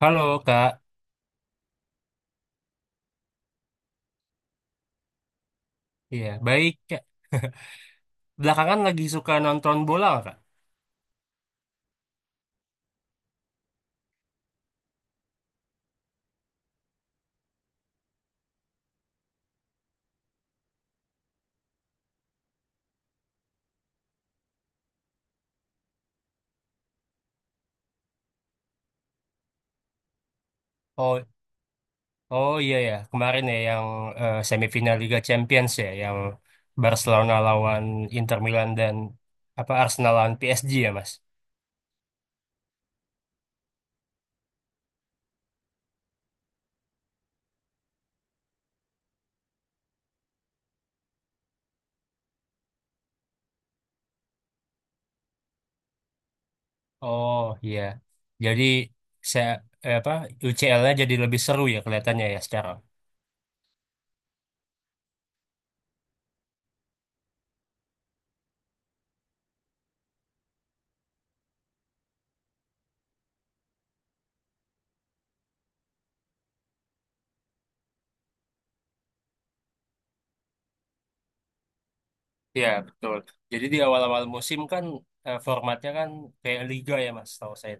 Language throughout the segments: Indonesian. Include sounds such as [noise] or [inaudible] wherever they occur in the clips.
Halo Kak, iya baik Kak. [laughs] Belakangan lagi suka nonton bola nggak, Kak? Oh, oh iya ya, kemarin ya yang semifinal Liga Champions ya, yang Barcelona lawan Inter Milan dan apa Arsenal lawan PSG ya Mas. Oh iya, jadi saya apa UCL-nya jadi lebih seru ya kelihatannya ya sekarang. Iya betul. Jadi di awal-awal musim kan formatnya kan kayak liga ya Mas, tahu saya.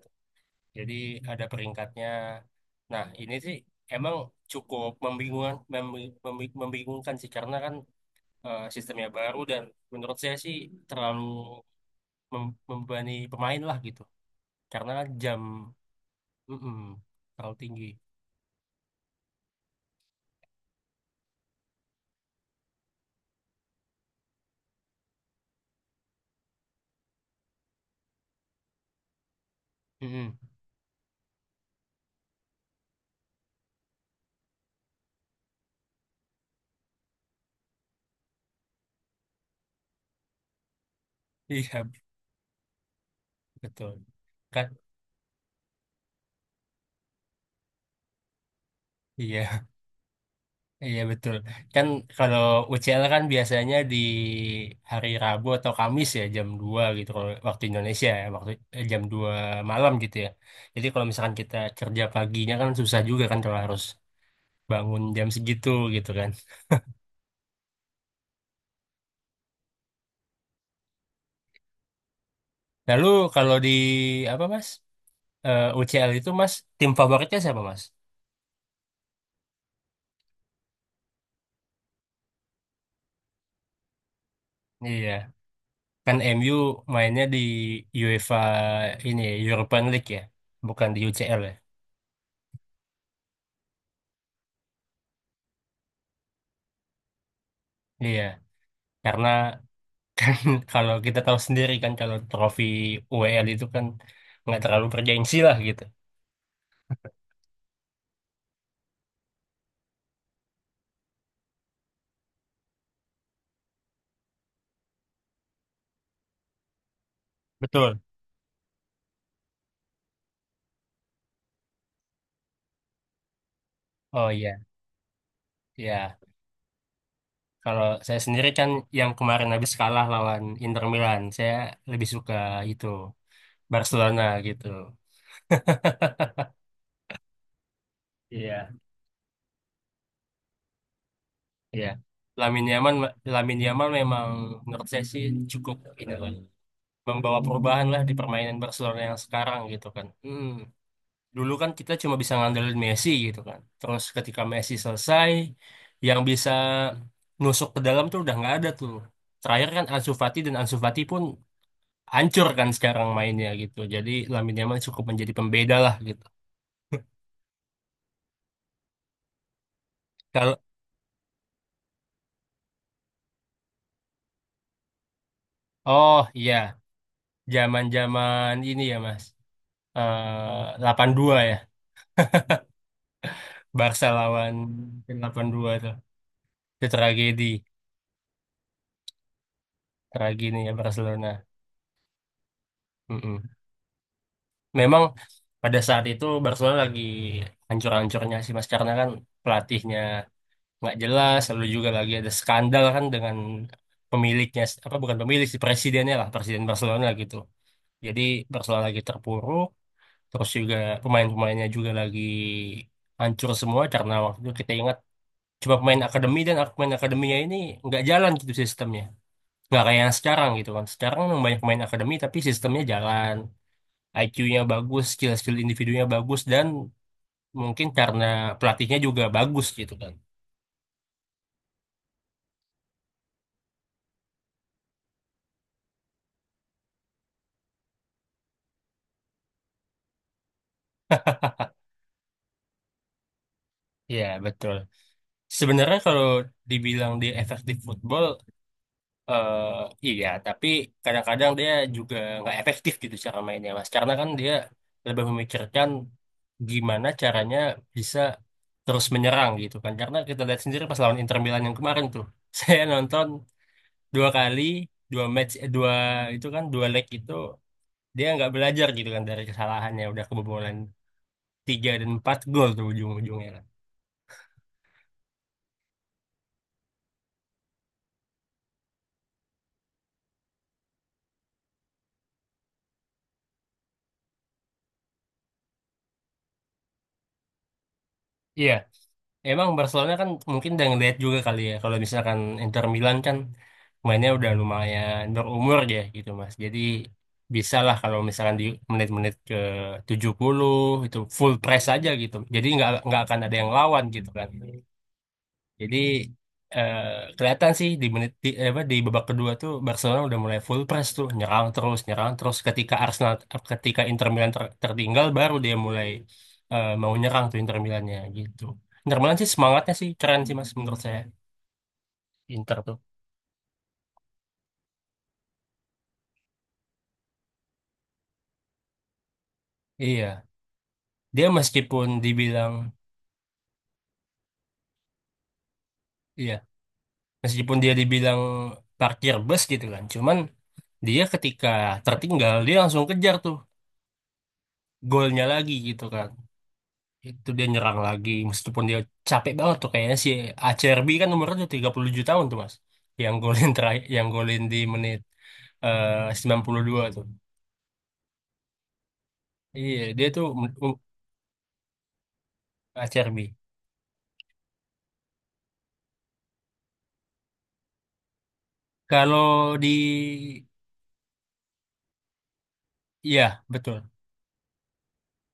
Jadi ada peringkatnya. Nah, ini sih emang cukup membingungkan sih karena kan sistemnya baru dan menurut saya sih terlalu membebani pemain lah gitu. Karena kan jam, mm-mm, terlalu tinggi. Mm-mm. Iya, betul. Kan, iya. Iya betul. Kan kalau UCL kan biasanya di hari Rabu atau Kamis ya jam 2 gitu kalau waktu Indonesia ya, waktu jam 2 malam gitu ya. Jadi kalau misalkan kita kerja paginya kan susah juga kan kalau harus bangun jam segitu gitu kan. Lalu kalau di apa Mas? UCL itu Mas tim favoritnya siapa Mas? Iya, kan MU mainnya di UEFA ini ya, European League ya, bukan di UCL ya. Iya, karena [laughs] kalau kita tahu sendiri kan kalau trofi UEL itu kan nggak terlalu bergengsi lah gitu. Betul. Oh iya, iya. Kalau saya sendiri kan yang kemarin habis kalah lawan Inter Milan, saya lebih suka itu Barcelona gitu. Iya, iya. Lamine Yamal, Lamine Yamal memang menurut saya sih cukup ini lah, membawa perubahan lah di permainan Barcelona yang sekarang gitu kan. Hmm. Dulu kan kita cuma bisa ngandelin Messi gitu kan. Terus ketika Messi selesai, yang bisa nusuk ke dalam tuh udah nggak ada tuh. Terakhir kan Ansu Fati dan Ansu Fati pun hancur kan sekarang mainnya gitu. Jadi Lamine Yamal cukup menjadi pembeda lah gitu. Kalau oh iya, zaman-zaman ini ya Mas. 8-2 ya. Barca lawan 8-2 tuh. Itu tragedi, tragedi ya Barcelona. Mm-mm. Memang pada saat itu Barcelona lagi hancur-hancurnya sih Mas karena kan pelatihnya nggak jelas, lalu juga lagi ada skandal kan dengan pemiliknya, apa bukan pemilik sih, presidennya lah, presiden Barcelona gitu. Jadi Barcelona lagi terpuruk, terus juga pemain-pemainnya juga lagi hancur semua karena waktu itu kita ingat cuma pemain akademi dan pemain akademinya ini nggak jalan gitu sistemnya. Nggak kayak yang sekarang gitu kan. Sekarang memang banyak pemain akademi tapi sistemnya jalan. IQ-nya bagus, skill-skill individunya bagus, dan mungkin karena pelatihnya juga bagus gitu kan. Ya, betul. Sebenarnya kalau dibilang dia efektif football, eh iya, tapi kadang-kadang dia juga nggak efektif gitu cara mainnya, Mas. Karena kan dia lebih memikirkan gimana caranya bisa terus menyerang gitu kan. Karena kita lihat sendiri pas lawan Inter Milan yang kemarin tuh, [laughs] saya nonton dua kali, dua match, dua itu kan, dua leg itu dia nggak belajar gitu kan dari kesalahannya, udah kebobolan 3 dan 4 gol tuh ujung-ujungnya kan. Iya, emang Barcelona kan mungkin udah ngeliat juga kali ya kalau misalkan Inter Milan kan mainnya udah lumayan berumur ya gitu Mas. Jadi bisa lah kalau misalkan di menit-menit ke 70 itu full press aja gitu. Jadi nggak akan ada yang lawan gitu kan. Jadi eh, kelihatan sih di menit apa di babak kedua tuh Barcelona udah mulai full press tuh nyerang terus ketika Inter Milan tertinggal, baru dia mulai mau nyerang tuh Inter Milannya gitu. Inter Milan sih semangatnya sih keren sih Mas, menurut saya Inter tuh. Iya, dia meskipun dibilang iya, meskipun dia dibilang parkir bus gitu kan. Cuman dia ketika tertinggal dia langsung kejar tuh golnya lagi gitu kan. Itu dia nyerang lagi. Meskipun dia capek banget tuh kayaknya si ACRB kan umurnya udah 37 tahun tuh Mas. Yang golin terakhir, yang golin di menit 92 tuh. Iya, dia tuh ACRB. Kalau di iya, betul.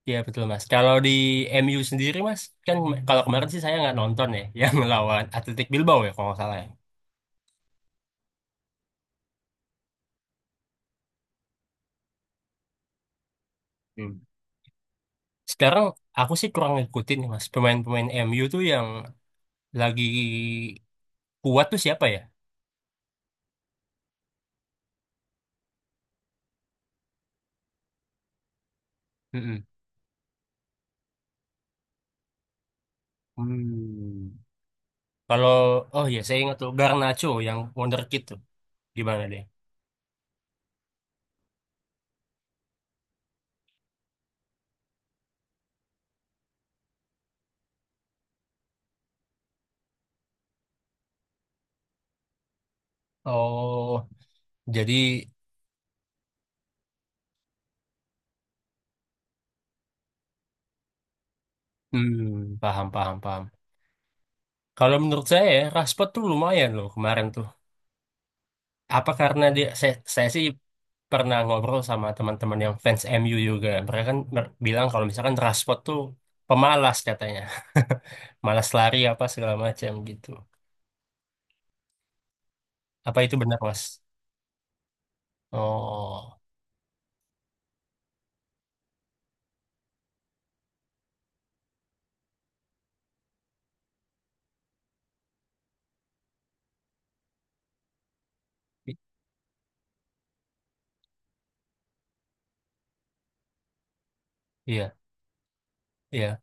Iya, betul Mas. Kalau di MU sendiri Mas, kan kalau kemarin sih saya nggak nonton ya [laughs] yang lawan Athletic Bilbao ya kalau nggak salah ya. Hmm. Sekarang aku sih kurang ngikutin nih Mas. Pemain-pemain MU tuh yang lagi kuat tuh siapa ya? Hmm. Hmm. Kalau oh ya, saya ingat tuh Garnacho yang Wonderkid tuh gimana dia? Oh, jadi hmm, paham paham paham. Kalau menurut saya ya, Rashford tuh lumayan loh kemarin tuh. Apa karena dia saya, sih pernah ngobrol sama teman-teman yang fans MU juga. Mereka kan bilang kalau misalkan Rashford tuh pemalas katanya. [laughs] Malas lari apa segala macam gitu. Apa itu benar, Mas? Oh, i- iya, iya,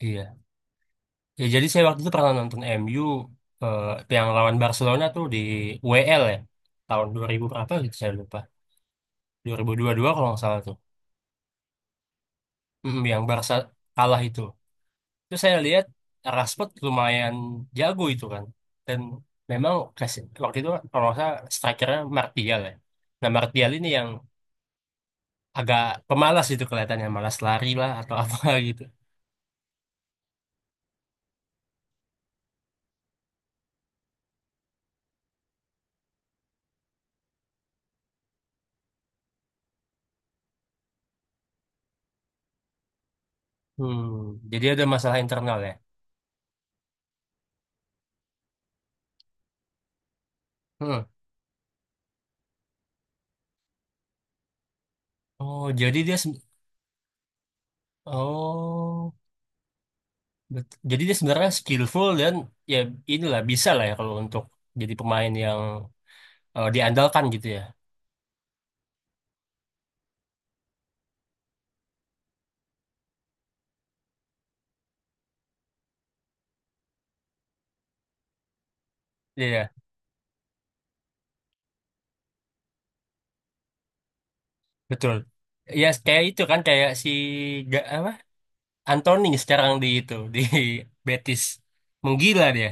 iya. Ya, jadi saya waktu itu pernah nonton MU eh, yang lawan Barcelona tuh di WL ya. Tahun 2000 berapa gitu saya lupa. 2022 kalau nggak salah tuh. Mm, yang Barca kalah itu. Terus saya lihat Rashford lumayan jago itu kan. Dan memang kasih waktu itu kalau nggak salah strikernya Martial ya. Nah Martial ini yang agak pemalas itu kelihatannya. Malas lari lah atau [laughs] apa gitu. Hmm, jadi ada masalah internal ya. Hmm. Oh, jadi dia. Oh. Jadi dia sebenarnya skillful dan ya inilah bisa lah ya kalau untuk jadi pemain yang diandalkan gitu ya. Iya, iya, betul. Ya kayak itu kan kayak si apa Anthony sekarang di itu di [laughs] Betis menggila dia.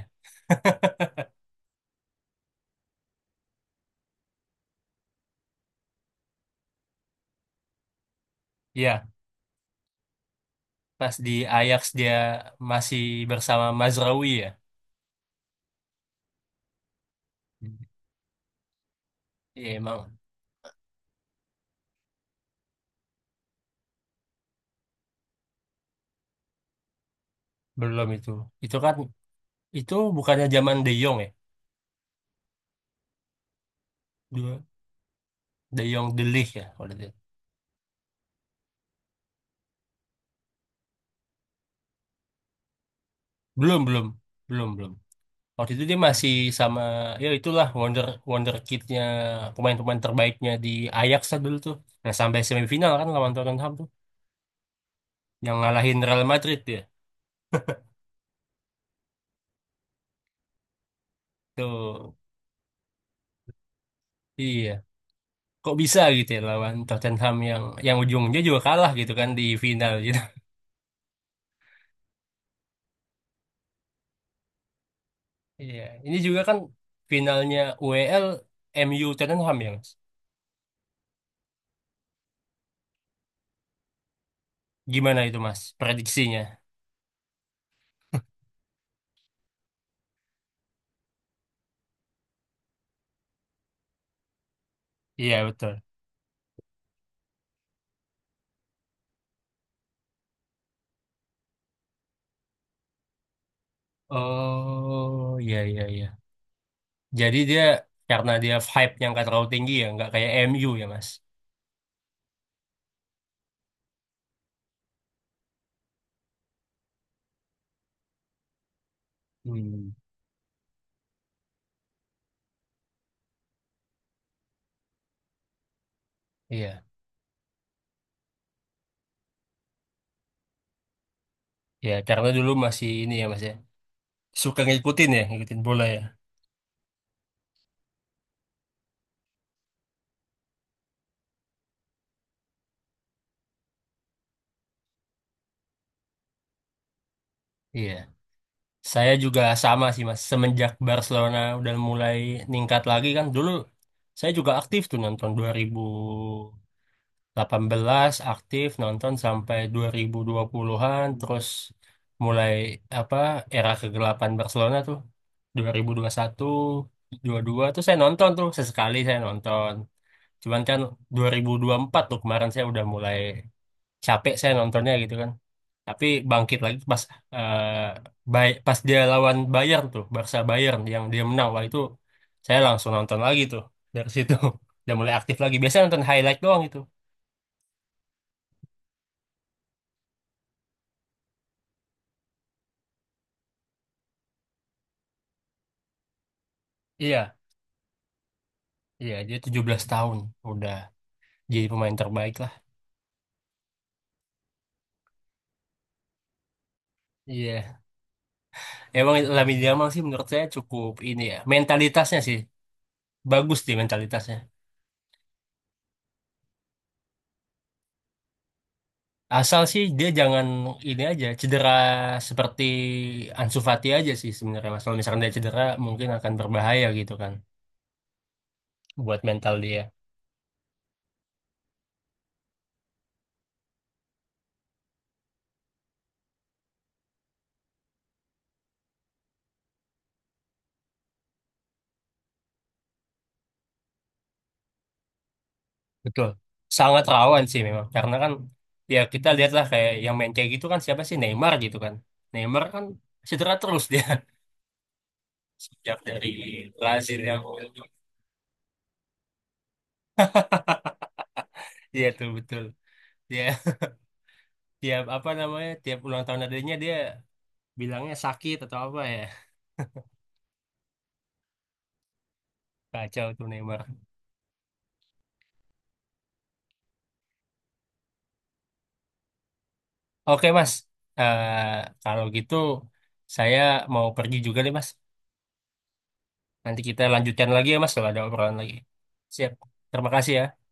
Iya, pas di Ajax dia masih bersama Mazraoui ya. Iya emang belum itu. Itu kan itu bukannya zaman De Jong ya? Dua De Jong De Ligt ya kalau dia. Belum belum belum belum. Waktu itu dia masih sama, ya itulah wonder wonder kidnya, pemain-pemain terbaiknya di Ajax lah dulu tuh. Nah sampai semifinal kan lawan Tottenham tuh yang ngalahin Real Madrid dia tuh. Iya, kok bisa gitu ya lawan Tottenham yang ujungnya juga kalah gitu kan di final gitu. [laughs] Iya, ini juga kan finalnya UEL MU Tottenham ya mas, gimana itu mas prediksinya? Iya betul. Oh iya, iya, iya. Jadi dia karena dia hype nya nggak terlalu tinggi ya, nggak kayak MU ya Mas. Hmm. Iya, ya karena dulu masih ini ya Mas ya, suka ngikutin ya, ngikutin bola ya. Iya, saya juga sama sih Mas. Semenjak Barcelona udah mulai ningkat lagi kan, dulu saya juga aktif tuh nonton 2000. 18 aktif nonton sampai 2020-an. Terus mulai apa era kegelapan Barcelona tuh 2021 dua tuh saya nonton tuh, sesekali saya nonton, cuman kan dua ribu empat tuh kemarin saya udah mulai capek saya nontonnya gitu kan. Tapi bangkit lagi pas eh, pas dia lawan Bayern tuh, Barca Bayern yang dia menang, wah itu saya langsung nonton lagi tuh. Dari situ [laughs] udah mulai aktif lagi, biasanya nonton highlight doang itu. Iya. Iya, dia 17 tahun udah jadi pemain terbaik lah. Iya. Emang Lamine Yamal sih menurut saya cukup ini ya. Mentalitasnya sih bagus sih mentalitasnya. Asal sih dia jangan ini aja cedera seperti Ansu Fati aja sih sebenarnya. Mas. Kalau misalkan dia cedera mungkin akan berbahaya gitu kan buat mental dia. Betul. Sangat rawan sih memang karena kan ya kita lihatlah kayak yang main kayak gitu kan siapa sih, Neymar gitu kan. Neymar kan cedera terus dia [laughs] sejak dari Brazil yang. Iya tuh betul. Dia tiap apa namanya tiap ulang tahun adanya dia bilangnya sakit atau apa ya. Kacau tuh Neymar. Oke Mas. Eh, Kalau gitu saya mau pergi juga deh Mas. Nanti kita lanjutkan lagi ya Mas kalau ada obrolan lagi. Siap. Terima kasih ya.